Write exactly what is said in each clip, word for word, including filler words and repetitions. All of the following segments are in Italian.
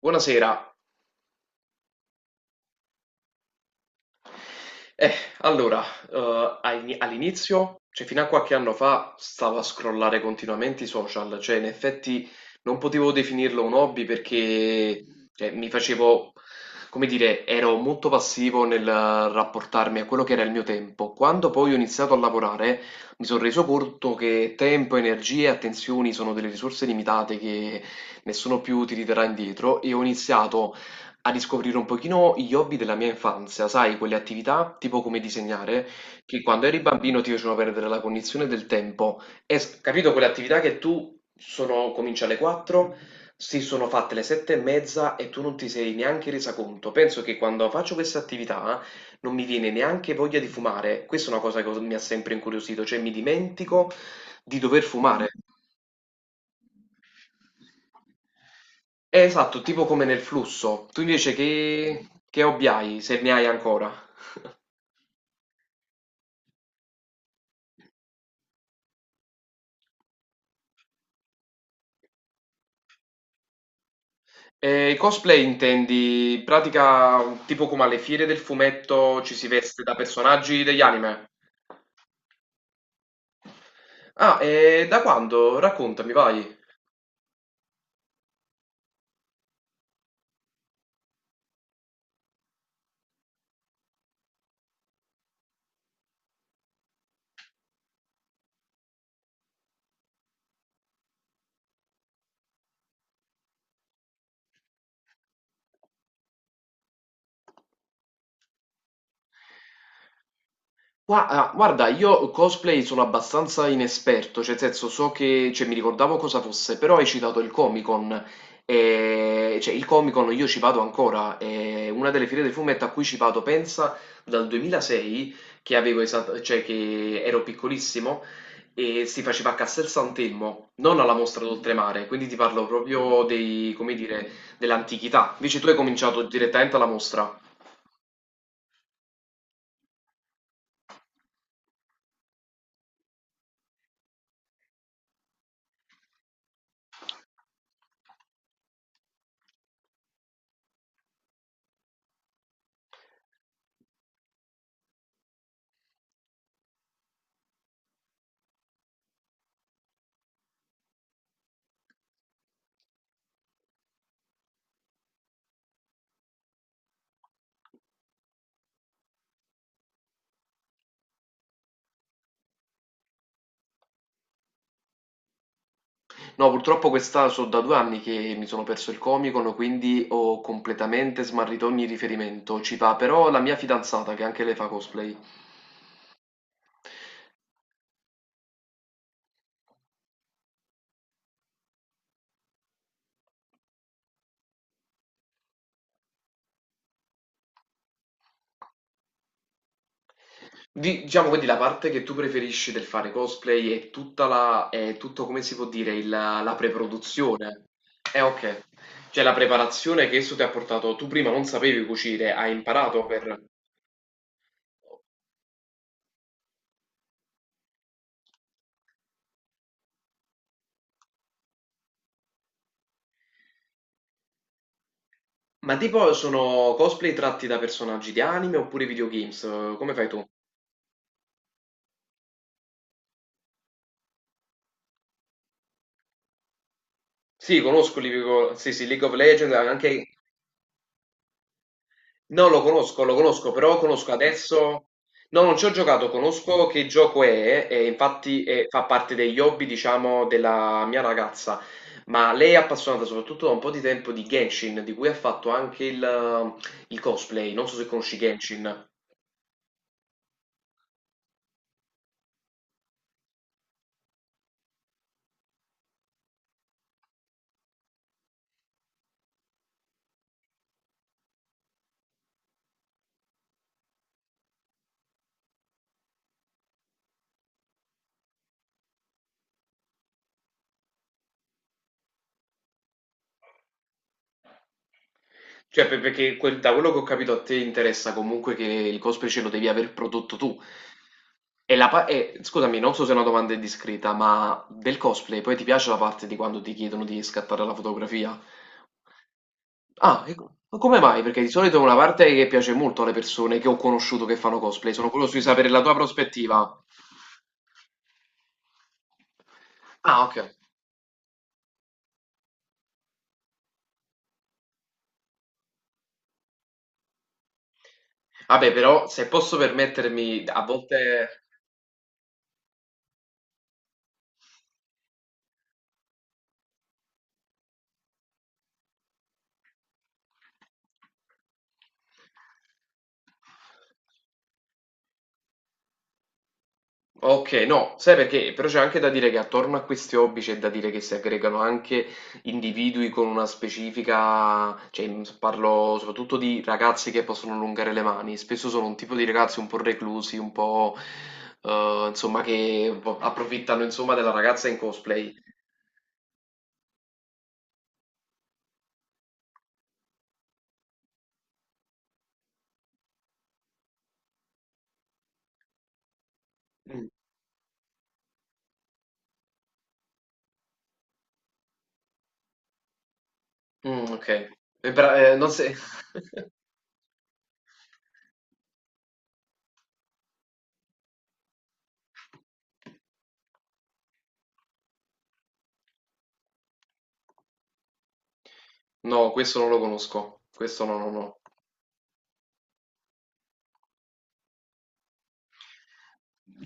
Buonasera. Eh, allora, uhm, ai all'inizio, cioè fino a qualche anno fa, stavo a scrollare continuamente i social, cioè in effetti non potevo definirlo un hobby perché cioè, mi facevo, come dire, ero molto passivo nel rapportarmi a quello che era il mio tempo. Quando poi ho iniziato a lavorare mi sono reso conto che tempo, energie e attenzioni sono delle risorse limitate che nessuno più ti ridarà indietro e ho iniziato a riscoprire un pochino gli hobby della mia infanzia, sai, quelle attività tipo come disegnare, che quando eri bambino ti facevano perdere la cognizione del tempo. E, s- capito, quelle attività che tu sono, cominci alle quattro, si sono fatte le sette e mezza e tu non ti sei neanche resa conto. Penso che quando faccio queste attività non mi viene neanche voglia di fumare. Questa è una cosa che mi ha sempre incuriosito, cioè mi dimentico di dover fumare. Eh, Esatto, tipo come nel flusso. Tu invece che, che hobby hai, se ne hai ancora? E i cosplay intendi, in pratica, tipo come alle fiere del fumetto ci si veste da personaggi degli anime? Ah, e da quando? Raccontami, vai. Gua ah, guarda, io cosplay sono abbastanza inesperto, cioè, nel senso, so che, cioè, mi ricordavo cosa fosse, però hai citato il Comic-Con, e, cioè, il Comic-Con io ci vado ancora, è una delle fiere del fumetto a cui ci vado, pensa, dal duemilasei, che avevo esat- cioè, che ero piccolissimo, e si faceva a Castel Sant'Elmo, non alla Mostra d'Oltremare, quindi ti parlo proprio dei, come dire, dell'antichità, invece tu hai cominciato direttamente alla mostra. No, purtroppo questa so da due anni che mi sono perso il Comic-Con, quindi ho completamente smarrito ogni riferimento. Ci va però la mia fidanzata, che anche lei fa cosplay. Di- Diciamo quindi la parte che tu preferisci del fare cosplay è tutta la, è tutto come si può dire, il- la preproduzione. Eh, ok. Cioè la preparazione che esso ti ha portato, tu prima non sapevi cucire, hai imparato per... Ma tipo sono cosplay tratti da personaggi di anime oppure videogames? Come fai tu? Sì, conosco League of, sì, sì, League of Legends, anche... No, lo conosco, lo conosco, però conosco adesso... No, non ci ho giocato, conosco che gioco è, e infatti eh, fa parte degli hobby, diciamo, della mia ragazza, ma lei è appassionata soprattutto da un po' di tempo di Genshin, di cui ha fatto anche il, il cosplay, non so se conosci Genshin. Cioè, per- perché quel- da quello che ho capito a te interessa comunque che il cosplay ce lo devi aver prodotto tu. E la pa- e, scusami, non so se è una domanda indiscreta, ma del cosplay poi ti piace la parte di quando ti chiedono di scattare la fotografia? Ah, e co- ma come mai? Perché di solito è una parte che piace molto alle persone che ho conosciuto che fanno cosplay, sono curioso di sapere la tua prospettiva. Ah, ok. Vabbè, però se posso permettermi, a volte... Ok, no, sai perché? Però c'è anche da dire che attorno a questi hobby c'è da dire che si aggregano anche individui con una specifica, cioè m, parlo soprattutto di ragazzi che possono allungare le mani, spesso sono un tipo di ragazzi un po' reclusi, un po' eh, insomma che un po' approfittano insomma della ragazza in cosplay. Mm, mm, ok. E bra- eh, non se... No, questo non lo conosco, questo no, no, no.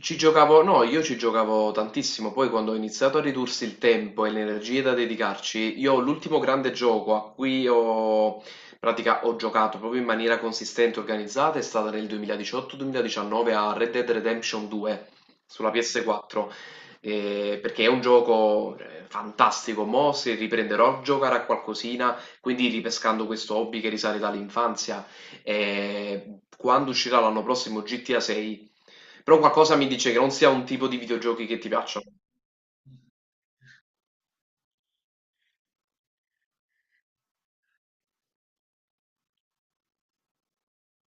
Ci giocavo no, io ci giocavo tantissimo, poi quando ho iniziato a ridursi il tempo e le energie da dedicarci, io l'ultimo grande gioco a cui ho, in pratica, ho giocato proprio in maniera consistente e organizzata è stata nel duemiladiciotto-duemiladiciannove a Red Dead Redemption due sulla P S quattro, eh, perché è un gioco eh, fantastico, mo se riprenderò a giocare a qualcosina, quindi ripescando questo hobby che risale dall'infanzia e quando uscirà l'anno prossimo G T A sei, però qualcosa mi dice che non sia un tipo di videogiochi che ti piacciono.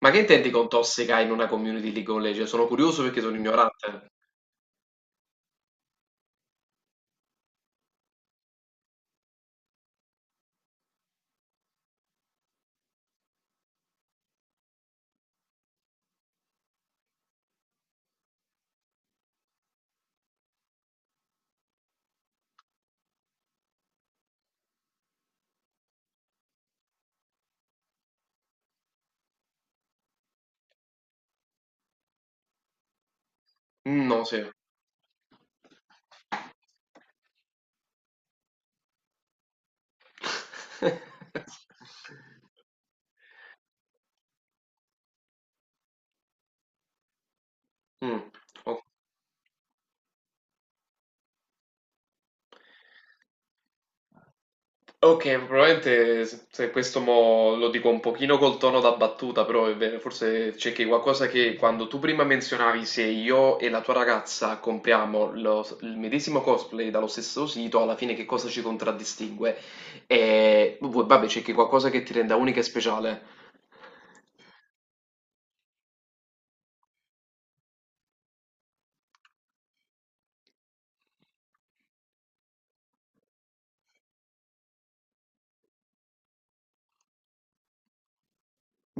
Ma che intendi con tossica in una community League of Legends? Sono curioso perché sono ignorante. Mm, no, sì. Mm, ok. Ok, probabilmente se se questo mo lo dico un pochino col tono da battuta, però è vero, forse c'è che qualcosa che quando tu prima menzionavi se io e la tua ragazza compriamo lo- il medesimo cosplay dallo stesso sito, alla fine che cosa ci contraddistingue? E v- vabbè, c'è che qualcosa che ti renda unica e speciale.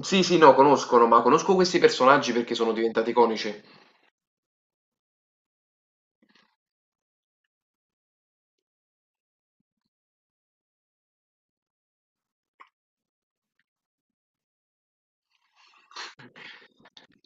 Sì, sì, no, conoscono, ma conosco questi personaggi perché sono diventati iconici.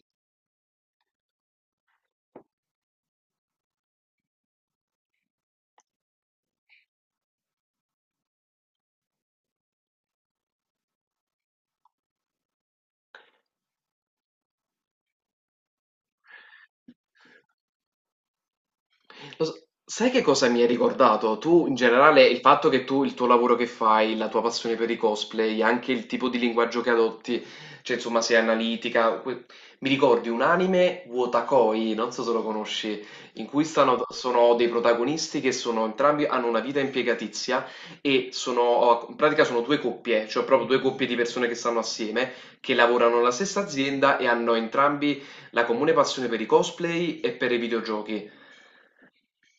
Lo s- sai che cosa mi hai ricordato? Tu, in generale, il fatto che tu, il tuo lavoro che fai, la tua passione per i cosplay, anche il tipo di linguaggio che adotti, cioè insomma sei analitica, que- mi ricordi un anime, Wotakoi, non so se lo conosci, in cui stanno, sono dei protagonisti che sono entrambi, hanno una vita impiegatizia e sono, in pratica sono due coppie, cioè proprio due coppie di persone che stanno assieme, che lavorano nella stessa azienda e hanno entrambi la comune passione per i cosplay e per i videogiochi.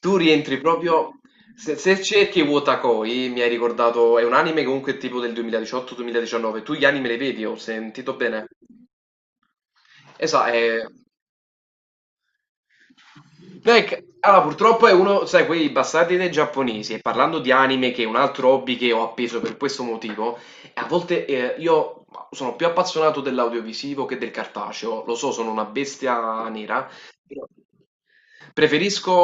Tu rientri proprio. Se, se cerchi Wotakoi, mi hai ricordato, è un anime comunque tipo del duemiladiciotto-duemiladiciannove. Tu gli anime li vedi, ho sentito bene. Esatto, è... no, è che- allora, purtroppo è uno, sai, quei bastardi dei giapponesi. E parlando di anime, che è un altro hobby che ho appeso per questo motivo, a volte eh, io sono più appassionato dell'audiovisivo che del cartaceo. Lo so, sono una bestia nera. Però preferisco.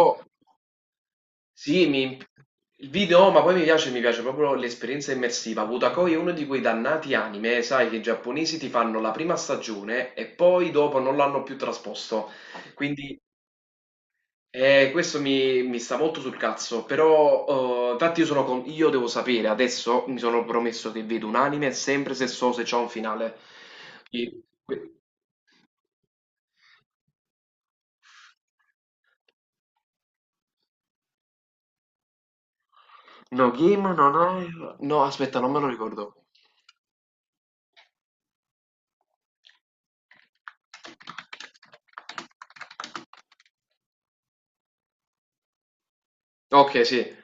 Sì, mi- il video, ma poi mi piace, mi piace proprio l'esperienza immersiva. Wutakoi è uno di quei dannati anime, sai, che i giapponesi ti fanno la prima stagione e poi dopo non l'hanno più trasposto. Quindi eh, questo mi, mi sta molto sul cazzo, però eh, infatti io, sono con- io devo sapere, adesso mi sono promesso che vedo un anime sempre se so se c'è un finale. Chi- que- No, Game, no, no, no, aspetta, non me lo ricordo. Ok, sì.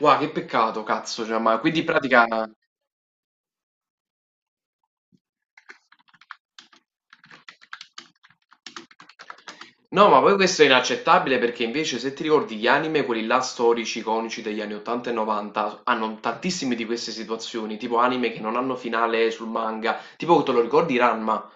Wow, che peccato, cazzo, cioè, ma quindi in pratica... No, ma poi questo è inaccettabile perché invece se ti ricordi gli anime, quelli là storici, iconici degli anni ottanta e novanta, hanno tantissime di queste situazioni, tipo anime che non hanno finale sul manga, tipo te lo ricordi Ranma?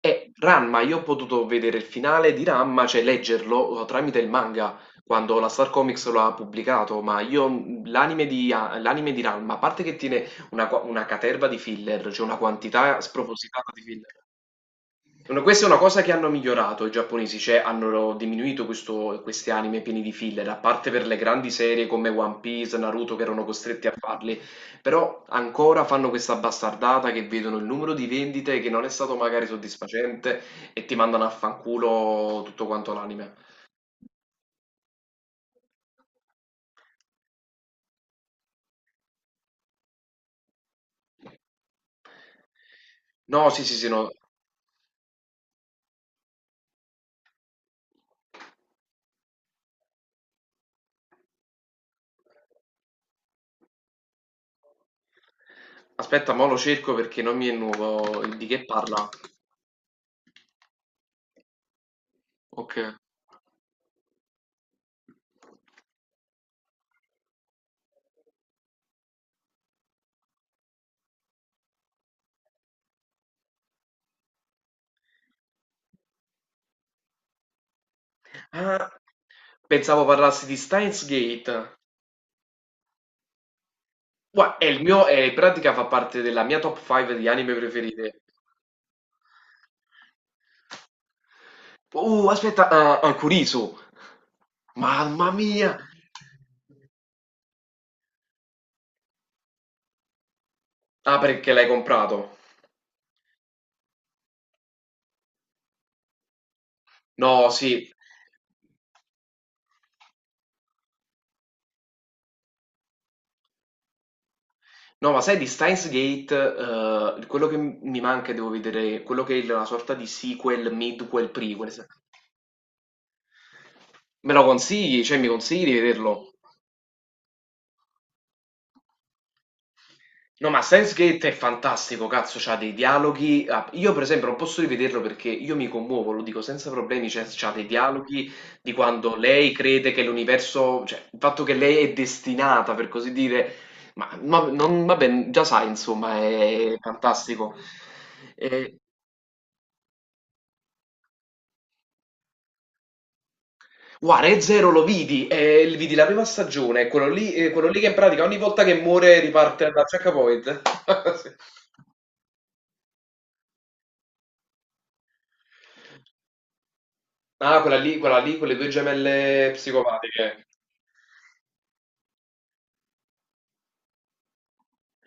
E Ranma, io ho potuto vedere il finale di Ranma, cioè leggerlo eh, tramite il manga, quando la Star Comics lo ha pubblicato, ma io mh, l'anime di, a- l'anime di Ranma, a parte che tiene una, qua- una caterva di filler, cioè una quantità spropositata di filler. Una- Questa è una cosa che hanno migliorato i giapponesi, cioè hanno diminuito questo- questi anime pieni di filler, a parte per le grandi serie come One Piece, Naruto che erano costretti a farli, però ancora fanno questa bastardata che vedono il numero di vendite che non è stato magari soddisfacente e ti mandano a fanculo tutto quanto l'anime. No, sì, sì, sì, no. Aspetta, mo lo cerco perché non mi è nuovo di che parla. Ok. Ah, pensavo parlassi di Steins Gate. Gua è il mio eh, in pratica fa parte della mia top cinque di anime preferite. Uh, aspetta, ah, ah, Kurisu. Mamma mia! Ah, perché l'hai comprato? No, sì. No, ma sai di Steins Gate, eh, quello che m- mi manca, e devo vedere, quello che è una sorta di sequel, midquel, prequel. Me lo consigli? Cioè, mi consigli di vederlo? No, ma sense eight è fantastico, cazzo, c'ha dei dialoghi. Ah, io, per esempio, non posso rivederlo perché io mi commuovo, lo dico senza problemi. Cioè, c'ha dei dialoghi di quando lei crede che l'universo, cioè, il fatto che lei è destinata, per così dire, ma ma- non, vabbè, già sai, insomma, è fantastico. Eh, guarda, Re Zero lo vidi, eh, il- vidi la prima stagione, quello lì, eh, quello lì che in pratica ogni volta che muore riparte da checkpoint. Ah, quella lì, quella lì con le due gemelle psicopatiche.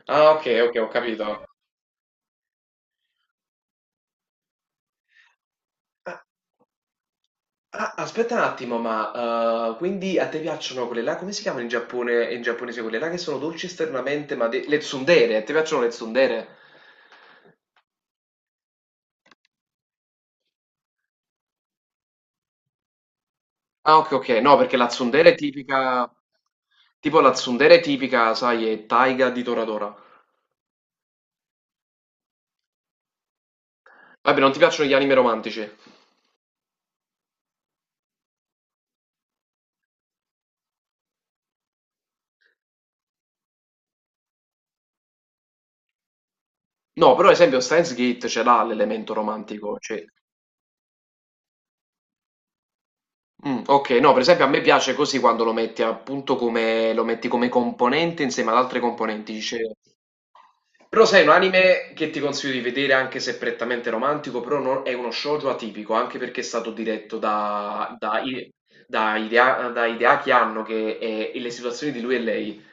Ah, ok, ok, ho capito. Ah, ah, aspetta un attimo, ma eh, quindi a te piacciono quelle là? Come si chiamano in Giappone, in giapponese quelle là che sono dolci esternamente, ma de- le tsundere? A te piacciono le tsundere? Ah, ok, ok, no, perché la tsundere è tipica, tipo la tsundere è tipica, sai, è Taiga di Toradora. Vabbè, non ti piacciono gli anime romantici? No, però ad esempio Steins Gate ce l'ha l'elemento romantico, cioè... Mm, ok, no, per esempio a me piace così quando lo metti appunto come, lo metti come componente insieme ad altre componenti. dice- Però sai, un anime che ti consiglio di vedere anche se è prettamente romantico, però no- è uno shoujo atipico, anche perché è stato diretto da, da, I- da Hidea- da Hideaki Anno, che è- e le situazioni di lui e lei.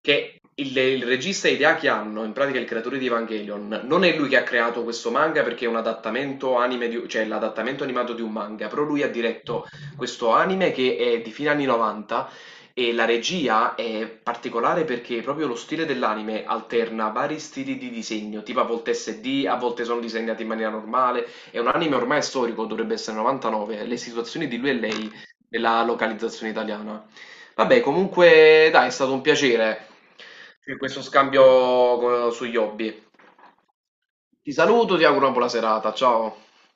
Che il il regista Hideaki Anno, in pratica il creatore di Evangelion, non è lui che ha creato questo manga perché è un adattamento anime di- cioè l'adattamento animato di un manga, però lui ha diretto questo anime che è di fine anni novanta e la regia è particolare perché proprio lo stile dell'anime alterna vari stili di disegno, tipo a volte S D, a volte sono disegnati in maniera normale, è un anime ormai storico, dovrebbe essere novantanove, le situazioni di lui e lei nella localizzazione italiana. Vabbè, comunque, dai, è stato un piacere. Cioè, questo scambio co- sugli hobby. Ti saluto, ti auguro una buona serata. Ciao.